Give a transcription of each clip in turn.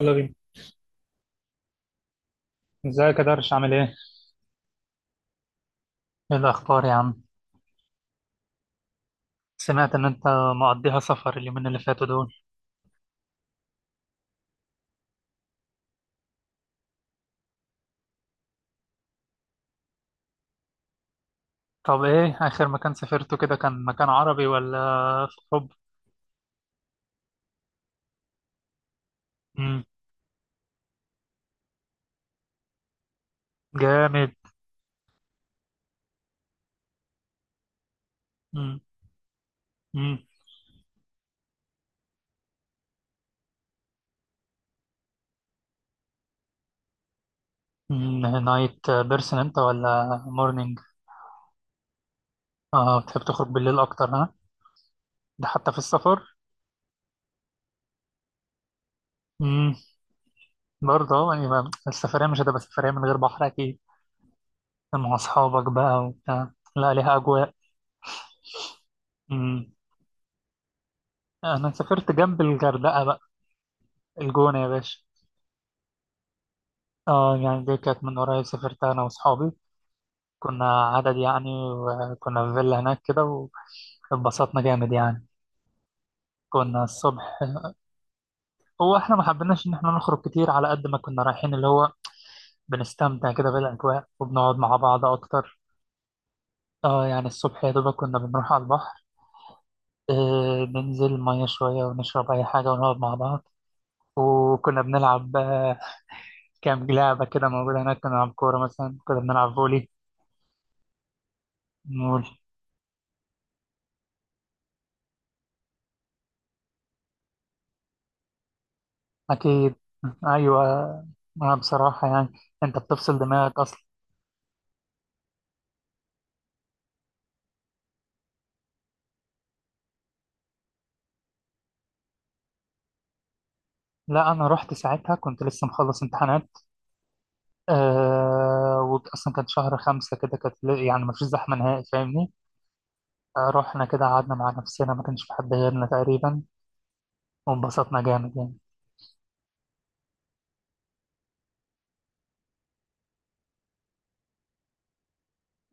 يلا بينا. ازيك يا درش، عامل ايه؟ ايه الاخبار يا عم؟ سمعت ان انت مقضيها سفر اليومين اللي فاتوا دول. طب ايه اخر مكان سافرته؟ كده كان مكان عربي ولا في اوروبا؟ امم. جامد. امم. امم. نايت بيرسون انت ولا مورنينج؟ اه بتحب تخرج بالليل اكتر ها؟ ده حتى في السفر؟ امم. برضه، يعني السفرية مش هتبقى سفرية من غير بحر اكيد. مع اصحابك بقى وبتاع. لا، ليها اجواء. امم. انا سافرت جنب الغردقة بقى. الجونة يا باشا. اه يعني دي كانت من قريب، سافرت انا واصحابي. كنا عدد يعني، وكنا في فيلا هناك كده، واتبسطنا جامد يعني. كنا الصبح، هو احنا ما حبيناش ان احنا نخرج كتير على قد ما كنا رايحين، اللي هو بنستمتع كده بالاجواء وبنقعد مع بعض اكتر. اه يعني الصبح يا دوبك كنا بنروح على البحر. ننزل ميه شويه ونشرب اي حاجه ونقعد مع بعض. وكنا بنلعب، كام لعبه كده موجوده هناك، كنا بنلعب كوره مثلا، كنا بنلعب فولي. أكيد. أيوة. ما بصراحة يعني، أنت بتفصل دماغك أصلا. لا، أنا رحت ساعتها كنت لسه مخلص امتحانات. وأصلا كان شهر خمسة كده، كانت يعني مفيش زحمة نهائي، فاهمني؟ رحنا كده قعدنا مع نفسنا، ما كانش في حد غيرنا تقريبا، وانبسطنا جامد يعني.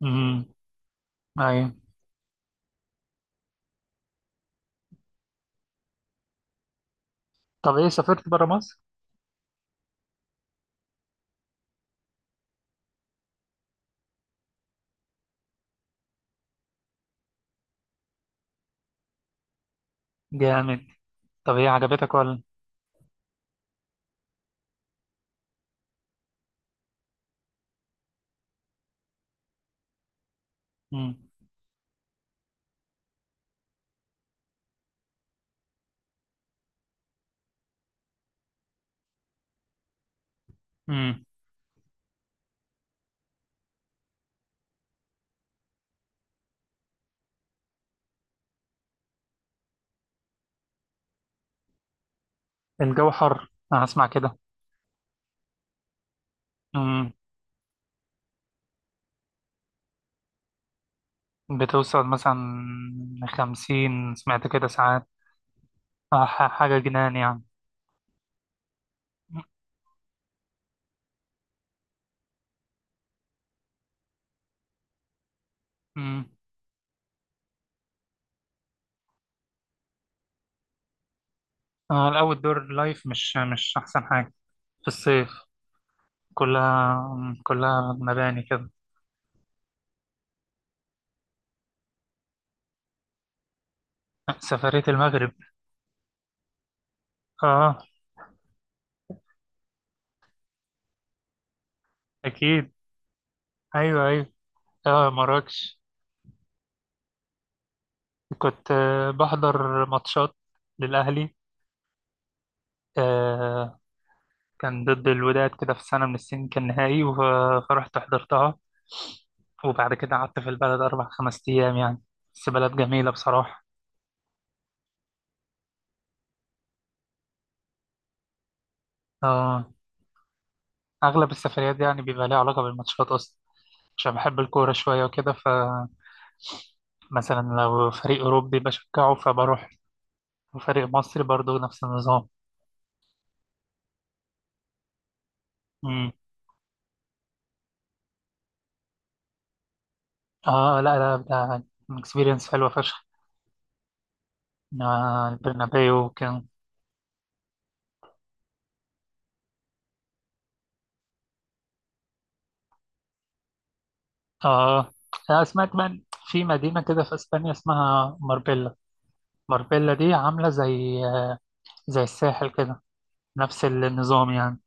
امم. أيوة. طب إيه، سافرت برا مصر؟ جامد. طب إيه، عجبتك ولا؟ امم. امم. الجو حر، أنا هسمع كده. امم. بتوصل مثلا 50، سمعت كده، ساعات. حاجة جنان يعني. أمم. الأول دور لايف، مش أحسن حاجة في الصيف. كلها كلها مباني كده. سفرية المغرب. آه. أكيد. أيوه، أيوه. آه، مراكش. كنت، بحضر ماتشات للأهلي. آه. كان ضد الوداد كده، في سنة من السنين كان نهائي فرحت حضرتها. وبعد كده قعدت في البلد أربع خمس أيام يعني. بس بلد جميلة بصراحة. آه، أغلب السفريات دي يعني بيبقى ليها علاقة بالماتشات أصلا. عشان بحب الكورة شوية وكده، فمثلا لو فريق أوروبي بشجعه فبروح، وفريق مصري برضو نفس النظام. مم. اه لا، لا ده اكسبيرينس حلوة فشخ. آه، البرنابيو وكده. اه، أنا سمعت كمان في مدينة كده في اسبانيا اسمها ماربيلا. ماربيلا دي عاملة زي، زي الساحل كده، نفس النظام يعني.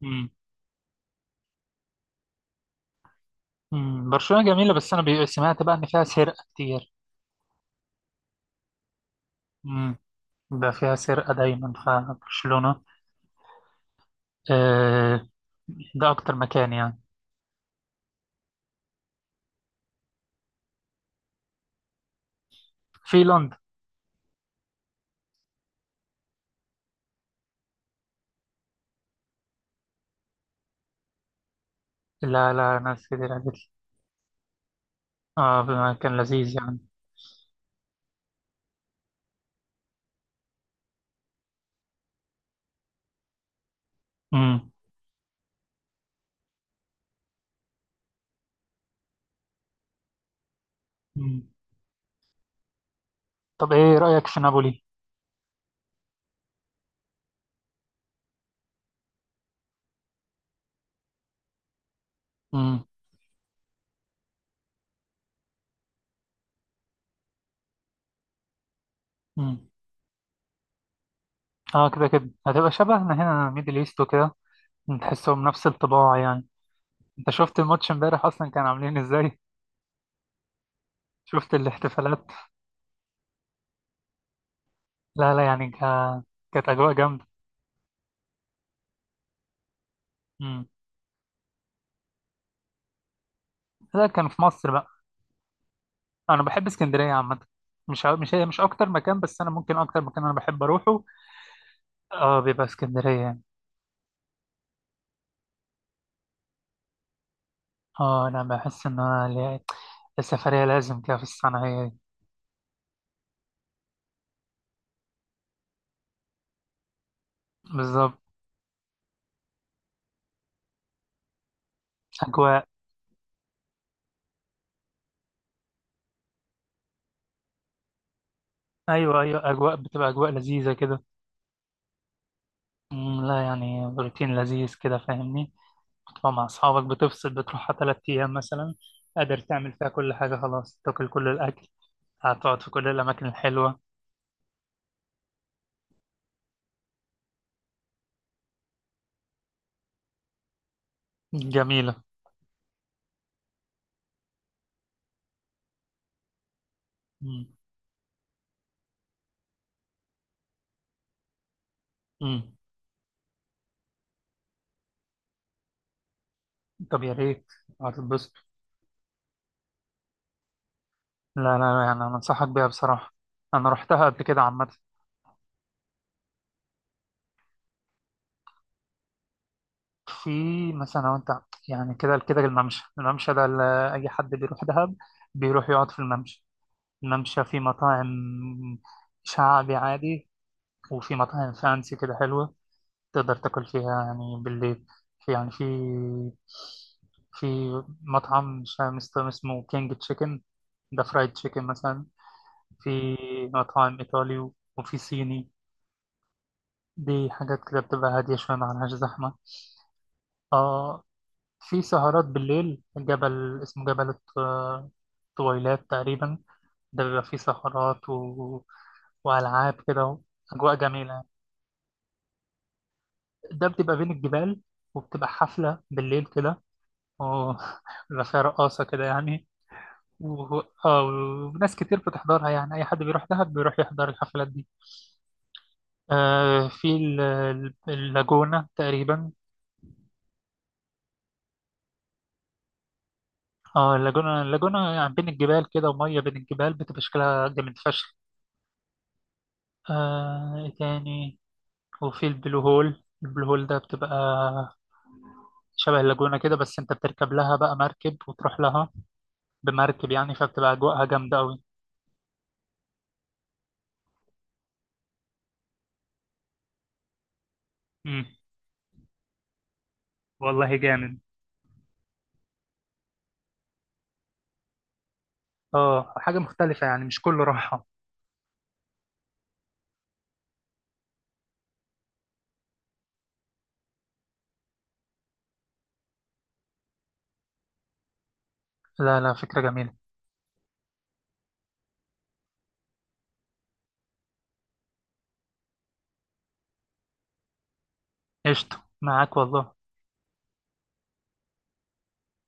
مم. مم. برشلونة جميلة، بس انا سمعت بقى ان فيها سرقة كتير. مم. ده فيها سرقة دايما فبرشلونة. آه. ده أكتر مكان يعني. في لندن. لا، لا، ناس كتير قالت لي. آه. مكان لذيذ يعني. مم. مم. طب إيه رأيك في نابولي؟ مم. مم. آه، كده كده هتبقى شبهنا هنا، ميدل إيست وكده. تحسهم نفس الطباع يعني. أنت شفت الماتش امبارح أصلا، كان عاملين إزاي؟ شفت الاحتفالات؟ لا، لا يعني كانت أجواء جامدة. مم. لا، كان في مصر بقى. أنا بحب اسكندرية عامة. مش هي مش أكتر مكان، بس أنا ممكن أكتر مكان أنا بحب أروحه. آه، بيبقى اسكندرية يعني. اه انا بحس ان السفرية لازم كده، في الصنعة هي دي. بالظبط. اجواء. ايوه، ايوه، اجواء بتبقى اجواء لذيذة كده. لا، يعني روتين لذيذ كده فاهمني. بتبقى مع اصحابك بتفصل، بتروحها 3 ايام مثلا، قادر تعمل فيها كل حاجة. خلاص تاكل كل الاكل، هتقعد في كل الاماكن الحلوة. جميلة. أمم. أمم. طب يا ريت، هتتبسط. لا، لا، لا، يعني انا انصحك بيها بصراحة، انا رحتها قبل كده عامة. في، مثلا لو انت، يعني كده كده الممشى، اي حد بيروح دهب بيروح يقعد في الممشى. الممشى فيه مطاعم شعبي عادي، وفي مطاعم فانسي كده حلوة، تقدر تاكل فيها يعني بالليل. في يعني في في مطعم مش عارف اسمه كينج تشيكن، ده فرايد تشيكن مثلا. في مطاعم ايطالي، وفي صيني. دي حاجات كده بتبقى هادية شوية، معلهاش زحمة. اه، في سهرات بالليل، جبل اسمه جبل طويلات تقريبا، ده بيبقى فيه سهرات و... وألعاب كده. أجواء جميلة، ده بتبقى بين الجبال، وبتبقى حفلة بالليل كده و- بيبقى فيها رقاصة كده يعني، و... آه، وناس كتير بتحضرها، يعني أي حد بيروح دهب بيروح يحضر الحفلات دي. آه، في اللاجونة تقريبا. اه، اللاجونة، يعني بين الجبال كده، ومية بين الجبال بتبقى شكلها جامد فشخ. آه، إيه تاني؟ وفي البلو هول، البلو هول ده بتبقى شبه اللاجونة كده، بس انت بتركب لها بقى مركب وتروح لها بمركب يعني، فبتبقى أجواءها جامدة أوي. امم. والله جامد. اه، حاجة مختلفة يعني، مش كله راحة. لا، لا، فكرة جميلة. قشطة معاك والله.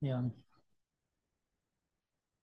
يلا.